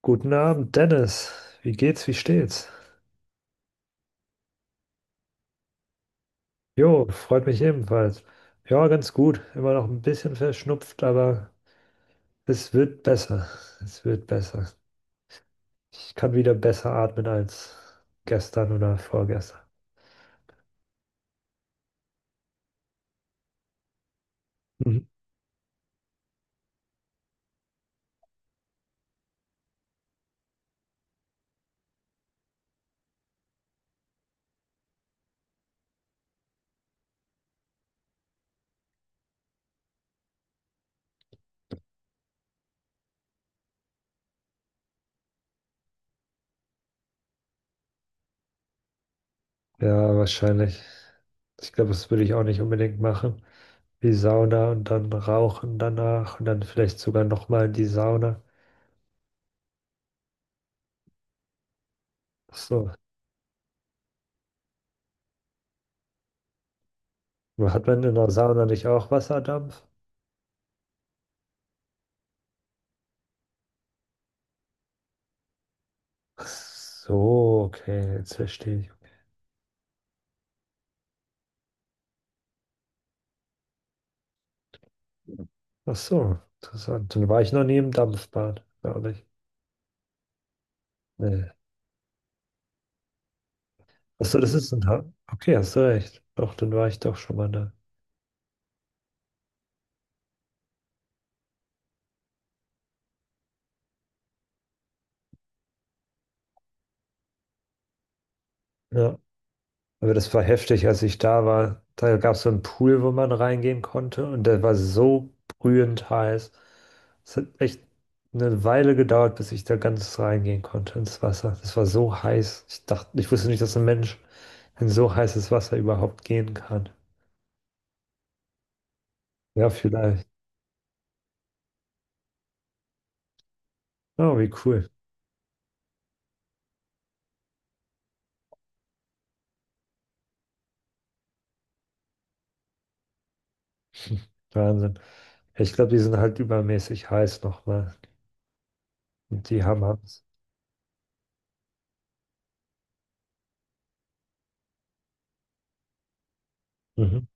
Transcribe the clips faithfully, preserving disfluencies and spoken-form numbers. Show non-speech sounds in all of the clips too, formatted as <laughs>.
Guten Abend, Dennis. Wie geht's? Wie steht's? Jo, freut mich ebenfalls. Ja, ganz gut. Immer noch ein bisschen verschnupft, aber es wird besser. Es wird besser. Ich kann wieder besser atmen als gestern oder vorgestern. Mhm. Ja, wahrscheinlich. Ich glaube, das würde ich auch nicht unbedingt machen. Die Sauna und dann rauchen danach und dann vielleicht sogar nochmal in die Sauna. Ach so. Hat man in der Sauna nicht auch Wasserdampf? Ach so, okay, jetzt verstehe ich. Ach so, interessant. Dann war ich noch nie im Dampfbad, glaube ich. Nee. Ach so, das ist ein. Ha Okay, hast du recht. Doch, dann war ich doch schon mal da. Ja. Aber das war heftig, als ich da war. Da gab es so einen Pool, wo man reingehen konnte und der war so brühend heiß. Es hat echt eine Weile gedauert, bis ich da ganz reingehen konnte ins Wasser. Das war so heiß. Ich dachte, ich wusste nicht, dass ein Mensch in so heißes Wasser überhaupt gehen kann. Ja, vielleicht. Oh, wie cool. Wahnsinn. Ja, Ich glaube, die sind halt übermäßig heiß nochmal. Die haben Angst. Mhm.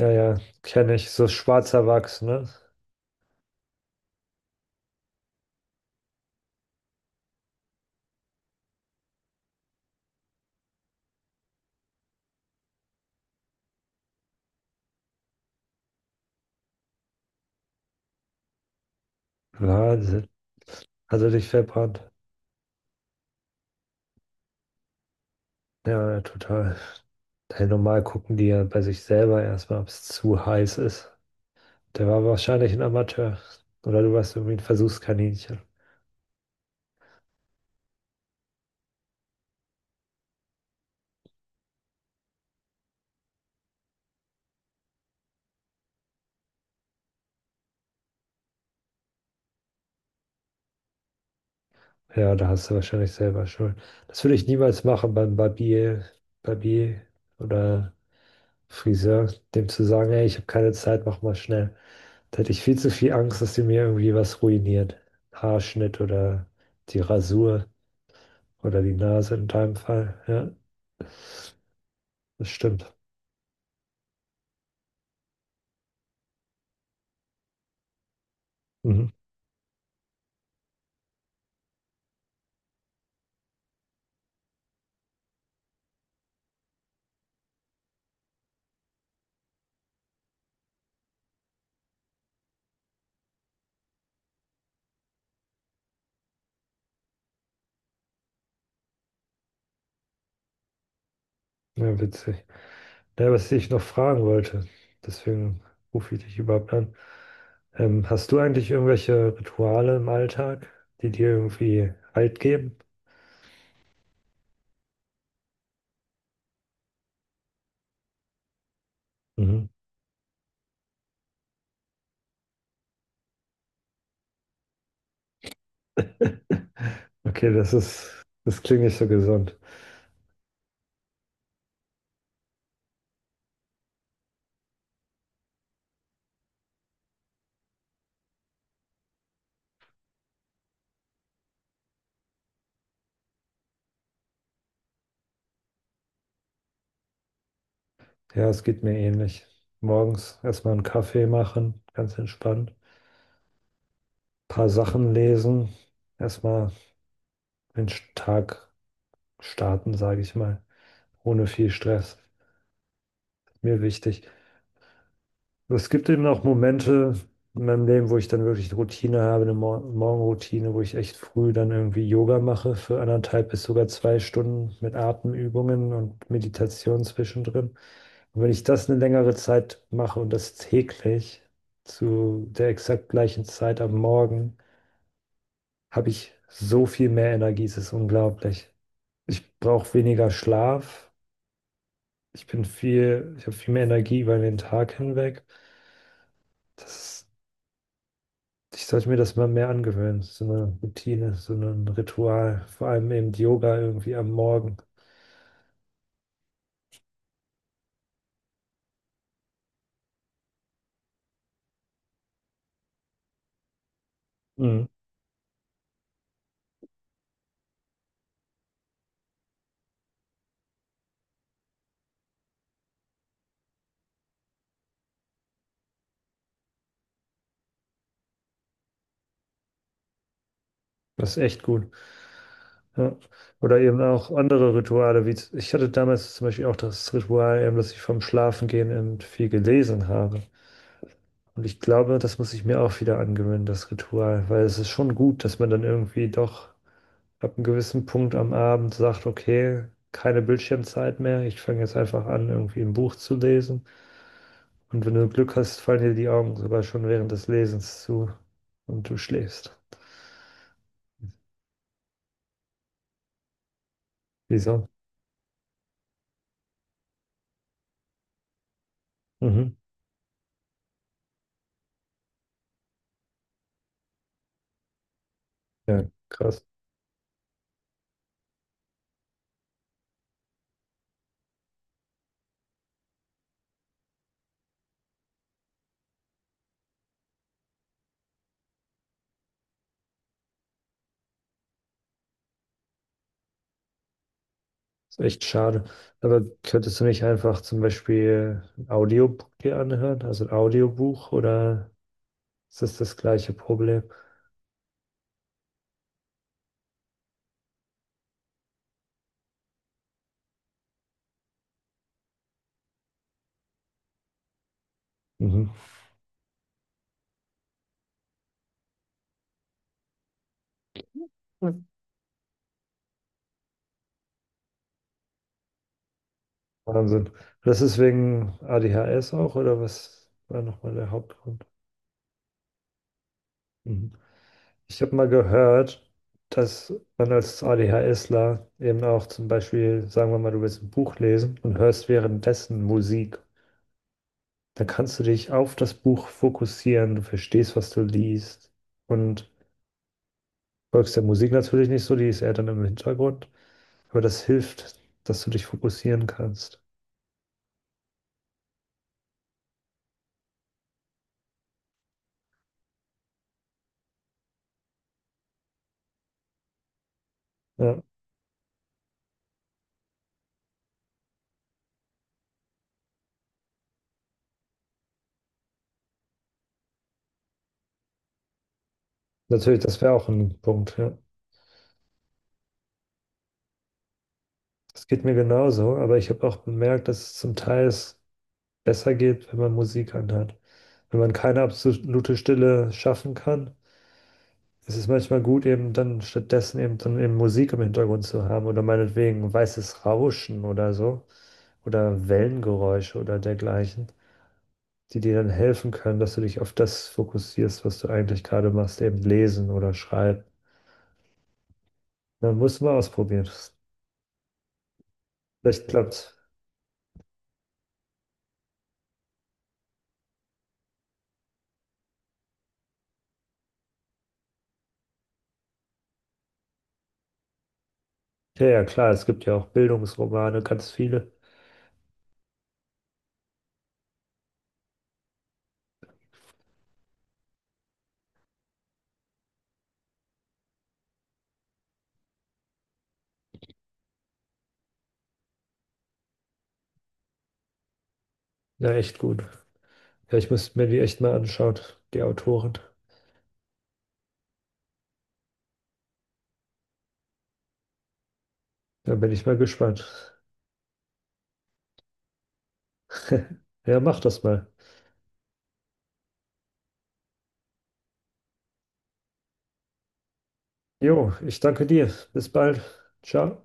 Ja, ja, kenne ich. So schwarzer Wachs, ne? Wahnsinn. Also dich verbrannt. Ja, ja, total. Hey, normal gucken die ja bei sich selber erstmal, ob es zu heiß ist. Der war wahrscheinlich ein Amateur. Oder du warst irgendwie ein Versuchskaninchen. Ja, da hast du wahrscheinlich selber Schuld. Das würde ich niemals machen beim Barbier, Barbier oder Friseur, dem zu sagen, ey, ich habe keine Zeit, mach mal schnell. Da hätte ich viel zu viel Angst, dass die mir irgendwie was ruiniert. Haarschnitt oder die Rasur oder die Nase in deinem Fall. Ja, das stimmt. Mhm. Ja, witzig. Ja, was ich noch fragen wollte, deswegen rufe ich dich überhaupt an. Ähm, hast du eigentlich irgendwelche Rituale im Alltag, die dir irgendwie Halt geben? Mhm. <laughs> Okay, das ist, das klingt nicht so gesund. Ja, es geht mir ähnlich. Morgens erstmal einen Kaffee machen, ganz entspannt. Paar Sachen lesen. Erstmal den Tag starten, sage ich mal. Ohne viel Stress. Mir wichtig. Es gibt eben auch Momente in meinem Leben, wo ich dann wirklich eine Routine habe, eine Mor Morgenroutine, wo ich echt früh dann irgendwie Yoga mache für anderthalb bis sogar zwei Stunden mit Atemübungen und Meditation zwischendrin. Und wenn ich das eine längere Zeit mache und das täglich zu der exakt gleichen Zeit am Morgen, habe ich so viel mehr Energie, es ist unglaublich. Ich brauche weniger Schlaf, ich bin viel, ich habe viel mehr Energie über den Tag hinweg. Das Ich sollte mir das mal mehr angewöhnen, so eine Routine, so ein Ritual, vor allem eben Yoga irgendwie am Morgen. Mhm. Das ist echt gut. Ja. Oder eben auch andere Rituale, wie z- ich hatte damals zum Beispiel auch das Ritual, eben, dass ich vom Schlafengehen eben viel gelesen habe. Und ich glaube, das muss ich mir auch wieder angewöhnen, das Ritual, weil es ist schon gut, dass man dann irgendwie doch ab einem gewissen Punkt am Abend sagt, okay, keine Bildschirmzeit mehr, ich fange jetzt einfach an, irgendwie ein Buch zu lesen. Und wenn du Glück hast, fallen dir die Augen sogar schon während des Lesens zu und du schläfst. Wieso? Mhm. Ja, krass. Ist echt schade. Aber könntest du nicht einfach zum Beispiel ein Audiobook dir anhören, also ein Audiobuch, oder ist das das gleiche Problem? Mhm. Hm. Wahnsinn. Das ist wegen A D H S auch, oder was war nochmal der Hauptgrund? Mhm. Ich habe mal gehört, dass man als ADHSler eben auch zum Beispiel, sagen wir mal, du willst ein Buch lesen und hörst währenddessen Musik. Dann kannst du dich auf das Buch fokussieren, du verstehst, was du liest und folgst der Musik natürlich nicht so, die ist eher dann im Hintergrund, aber das hilft, dass du dich fokussieren kannst. Ja, natürlich, das wäre auch ein Punkt, ja. Das geht mir genauso, aber ich habe auch bemerkt, dass es zum Teil ist, besser geht, wenn man Musik anhat. Wenn man keine absolute Stille schaffen kann, ist es manchmal gut, eben dann stattdessen eben dann eben Musik im Hintergrund zu haben oder meinetwegen weißes Rauschen oder so oder Wellengeräusche oder dergleichen, die dir dann helfen können, dass du dich auf das fokussierst, was du eigentlich gerade machst, eben lesen oder schreiben. Dann musst du mal ausprobieren. Vielleicht klappt's. Ja, ja, klar, es gibt ja auch Bildungsromane, ganz viele. Ja, echt gut. Ja, ich müsste mir die echt mal anschauen, die Autoren. Da bin ich mal gespannt. <laughs> Ja, mach das mal. Jo, ich danke dir. Bis bald. Ciao.